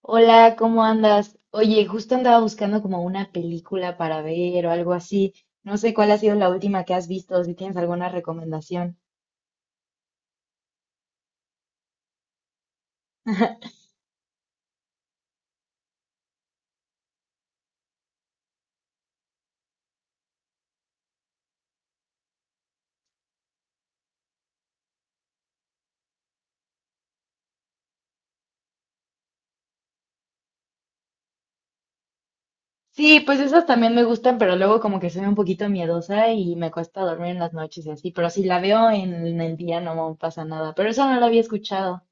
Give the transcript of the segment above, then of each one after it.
Hola, ¿cómo andas? Oye, justo andaba buscando como una película para ver o algo así. No sé cuál ha sido la última que has visto, o si tienes alguna recomendación. Sí, pues esas también me gustan, pero luego como que soy un poquito miedosa y me cuesta dormir en las noches y así. Pero si la veo en el día no me pasa nada. Pero eso no lo había escuchado.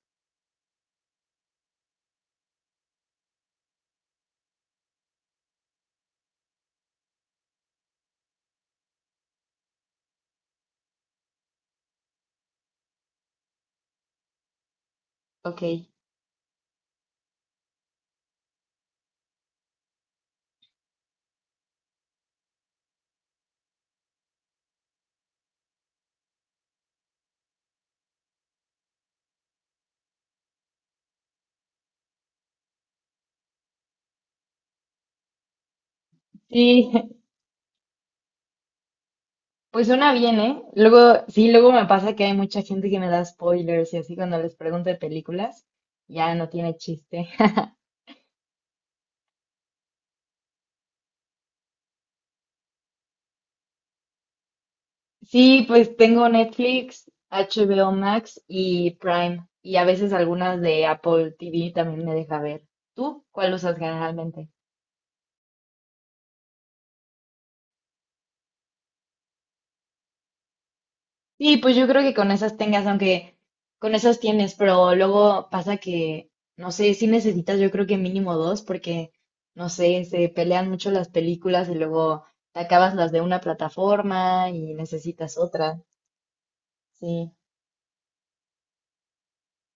Ok. Sí, pues suena bien, ¿eh? Luego, sí, luego me pasa que hay mucha gente que me da spoilers y así cuando les pregunto de películas, ya no tiene chiste. Sí, pues tengo Netflix, HBO Max y Prime. Y a veces algunas de Apple TV también me deja ver. ¿Tú cuál usas generalmente? Sí, pues yo creo que con esas tengas, aunque con esas tienes, pero luego pasa que, no sé, sí necesitas yo creo que mínimo dos porque, no sé, se pelean mucho las películas y luego te acabas las de una plataforma y necesitas otra. Sí,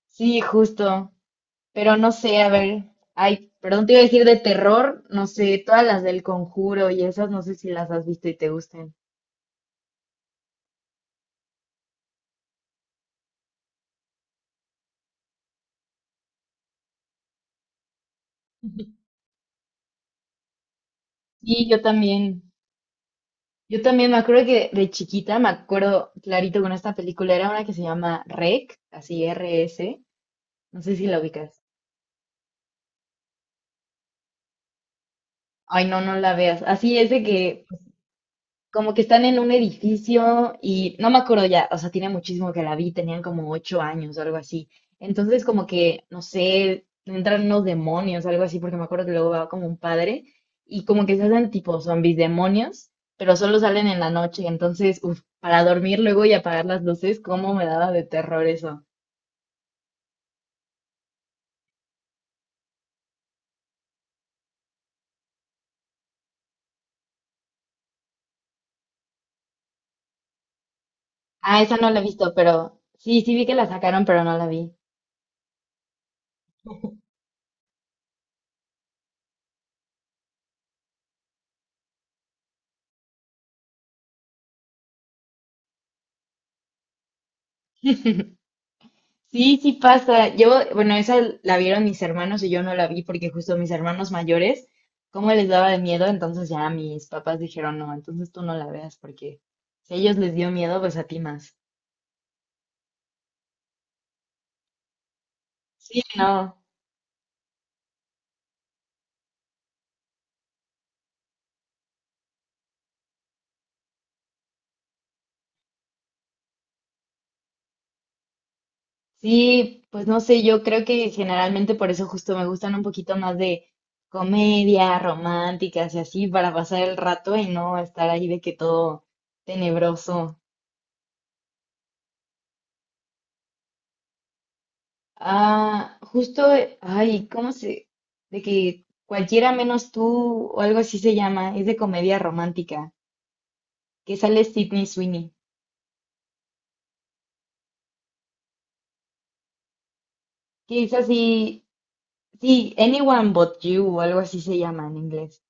sí, justo. Pero no sé, a ver, ay, perdón, te iba a decir de terror, no sé, todas las del Conjuro y esas no sé si las has visto y te gusten. Sí, yo también. Yo también me acuerdo que de chiquita, me acuerdo clarito con esta película, era una que se llama REC, así r s, no sé si la ubicas. Ay, no, no la veas. Así es de que como que están en un edificio y no me acuerdo ya, o sea, tiene muchísimo que la vi, tenían como 8 años o algo así. Entonces, como que, no sé, entran unos demonios, algo así, porque me acuerdo que luego va como un padre y como que se hacen tipo zombies demonios, pero solo salen en la noche. Entonces, uf, para dormir luego y apagar las luces, cómo me daba de terror eso. Ah, esa no la he visto, pero sí, sí vi que la sacaron, pero no la vi. Sí, sí pasa. Yo, bueno, esa la vieron mis hermanos y yo no la vi porque justo mis hermanos mayores, como les daba de miedo, entonces ya mis papás dijeron, no, entonces tú no la veas porque si a ellos les dio miedo, pues a ti más. Sí, no. Sí, pues no sé, yo creo que generalmente por eso justo me gustan un poquito más de comedia, románticas y así, para pasar el rato y no estar ahí de que todo tenebroso. Ah, justo, ay, ¿cómo se? De que cualquiera menos tú o algo así se llama, es de comedia romántica, que sale Sydney Sweeney, que es así, sí, Anyone But You o algo así se llama en inglés.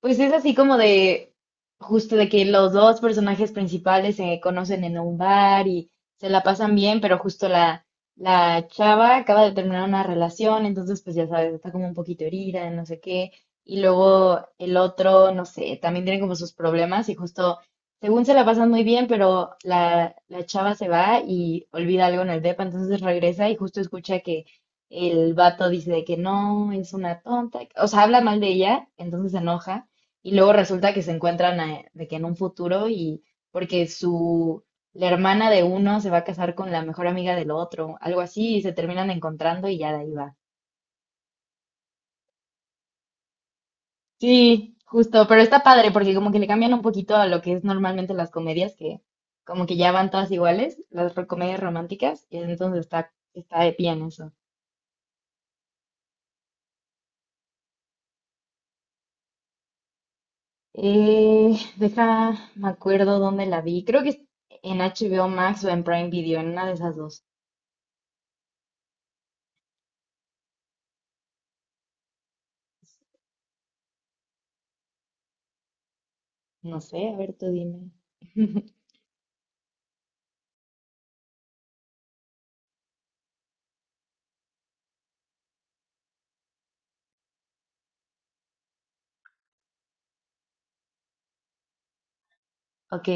Pues es así como de, justo de que los dos personajes principales se conocen en un bar y se la pasan bien, pero justo la chava acaba de terminar una relación, entonces pues ya sabes, está como un poquito herida, no sé qué, y luego el otro, no sé, también tiene como sus problemas y justo, según se la pasan muy bien, pero la chava se va y olvida algo en el depa, entonces regresa y justo escucha que... El vato dice de que no, es una tonta, o sea, habla mal de ella, entonces se enoja y luego resulta que se encuentran de que en un futuro y porque su la hermana de uno se va a casar con la mejor amiga del otro, algo así, y se terminan encontrando y ya de ahí va. Sí, justo, pero está padre porque como que le cambian un poquito a lo que es normalmente las comedias que como que ya van todas iguales, las comedias románticas, y entonces está bien eso. Deja, me acuerdo dónde la vi. Creo que es en HBO Max o en Prime Video, en una de esas dos. No sé, a ver, tú dime. Ok,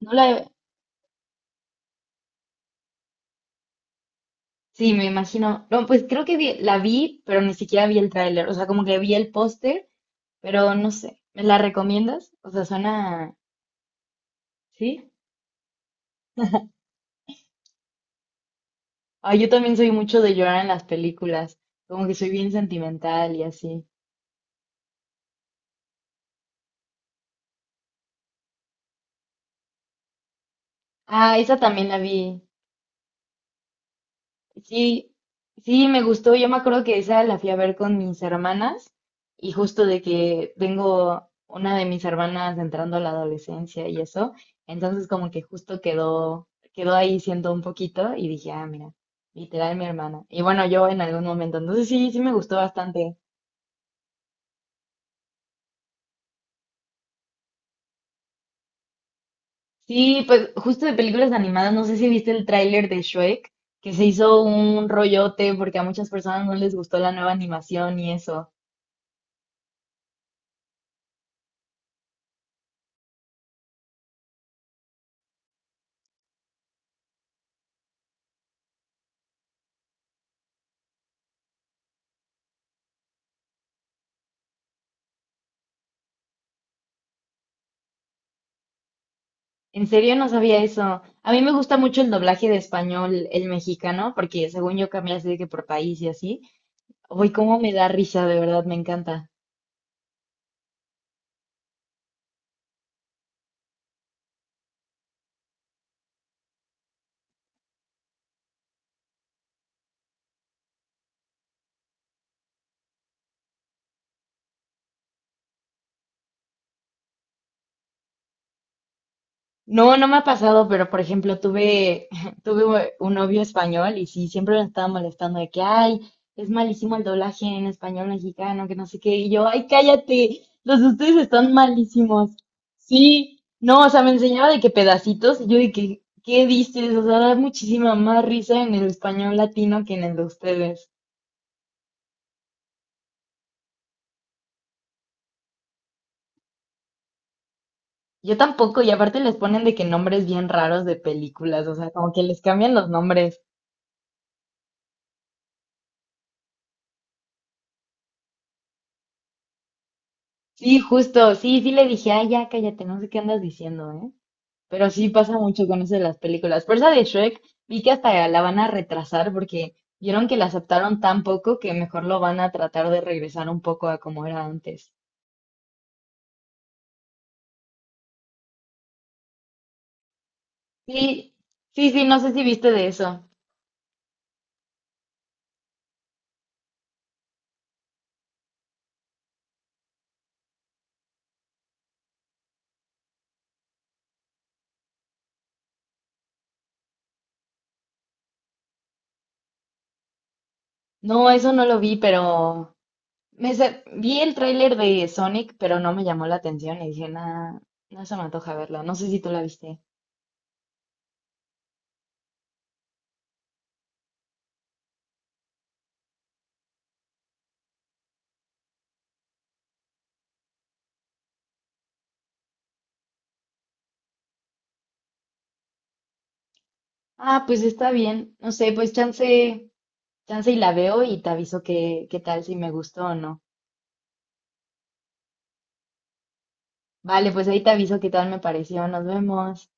no la... Sí, me imagino. No, pues creo que la vi, pero ni siquiera vi el tráiler. O sea, como que vi el póster, pero no sé. ¿Me la recomiendas? O sea, suena... ¿Sí? Ah, yo también soy mucho de llorar en las películas. Como que soy bien sentimental y así. Ah, esa también la vi. Sí, sí, me gustó. Yo me acuerdo que esa la fui a ver con mis hermanas y justo de que tengo una de mis hermanas entrando a la adolescencia y eso, entonces como que justo quedó ahí siendo un poquito y dije, ah, mira, literal mi hermana. Y bueno, yo en algún momento, entonces sí, sí me gustó bastante. Sí, pues justo de películas animadas, no sé si viste el tráiler de Shrek, que se hizo un rollote porque a muchas personas no les gustó la nueva animación y eso. En serio, no sabía eso. A mí me gusta mucho el doblaje de español, el mexicano, porque según yo cambia así de que por país y así. Uy, cómo me da risa, de verdad, me encanta. No, no me ha pasado, pero por ejemplo, tuve, tuve un novio español y sí, siempre me estaba molestando de que, ay, es malísimo el doblaje en español mexicano, que no sé qué. Y yo, ay, cállate, los de ustedes están malísimos. Sí, no, o sea, me enseñaba de que pedacitos y yo de que, ¿qué dices? O sea, da muchísima más risa en el español latino que en el de ustedes. Yo tampoco, y aparte les ponen de que nombres bien raros de películas, o sea, como que les cambian los nombres. Sí, justo, sí, sí le dije, ay, ya cállate, no sé qué andas diciendo, ¿eh? Pero sí pasa mucho con eso de las películas. Por esa de Shrek, vi que hasta la van a retrasar porque vieron que la aceptaron tan poco que mejor lo van a tratar de regresar un poco a como era antes. Sí, sí, sí, no sé si viste de eso. No, eso no lo vi, pero vi el tráiler de Sonic, pero no me llamó la atención y dije, nada, no se me antoja verla. No sé si tú la viste. Ah, pues está bien, no sé, pues chance. Chance y la veo y te aviso qué, qué tal, si me gustó o no. Vale, pues ahí te aviso qué tal me pareció. Nos vemos.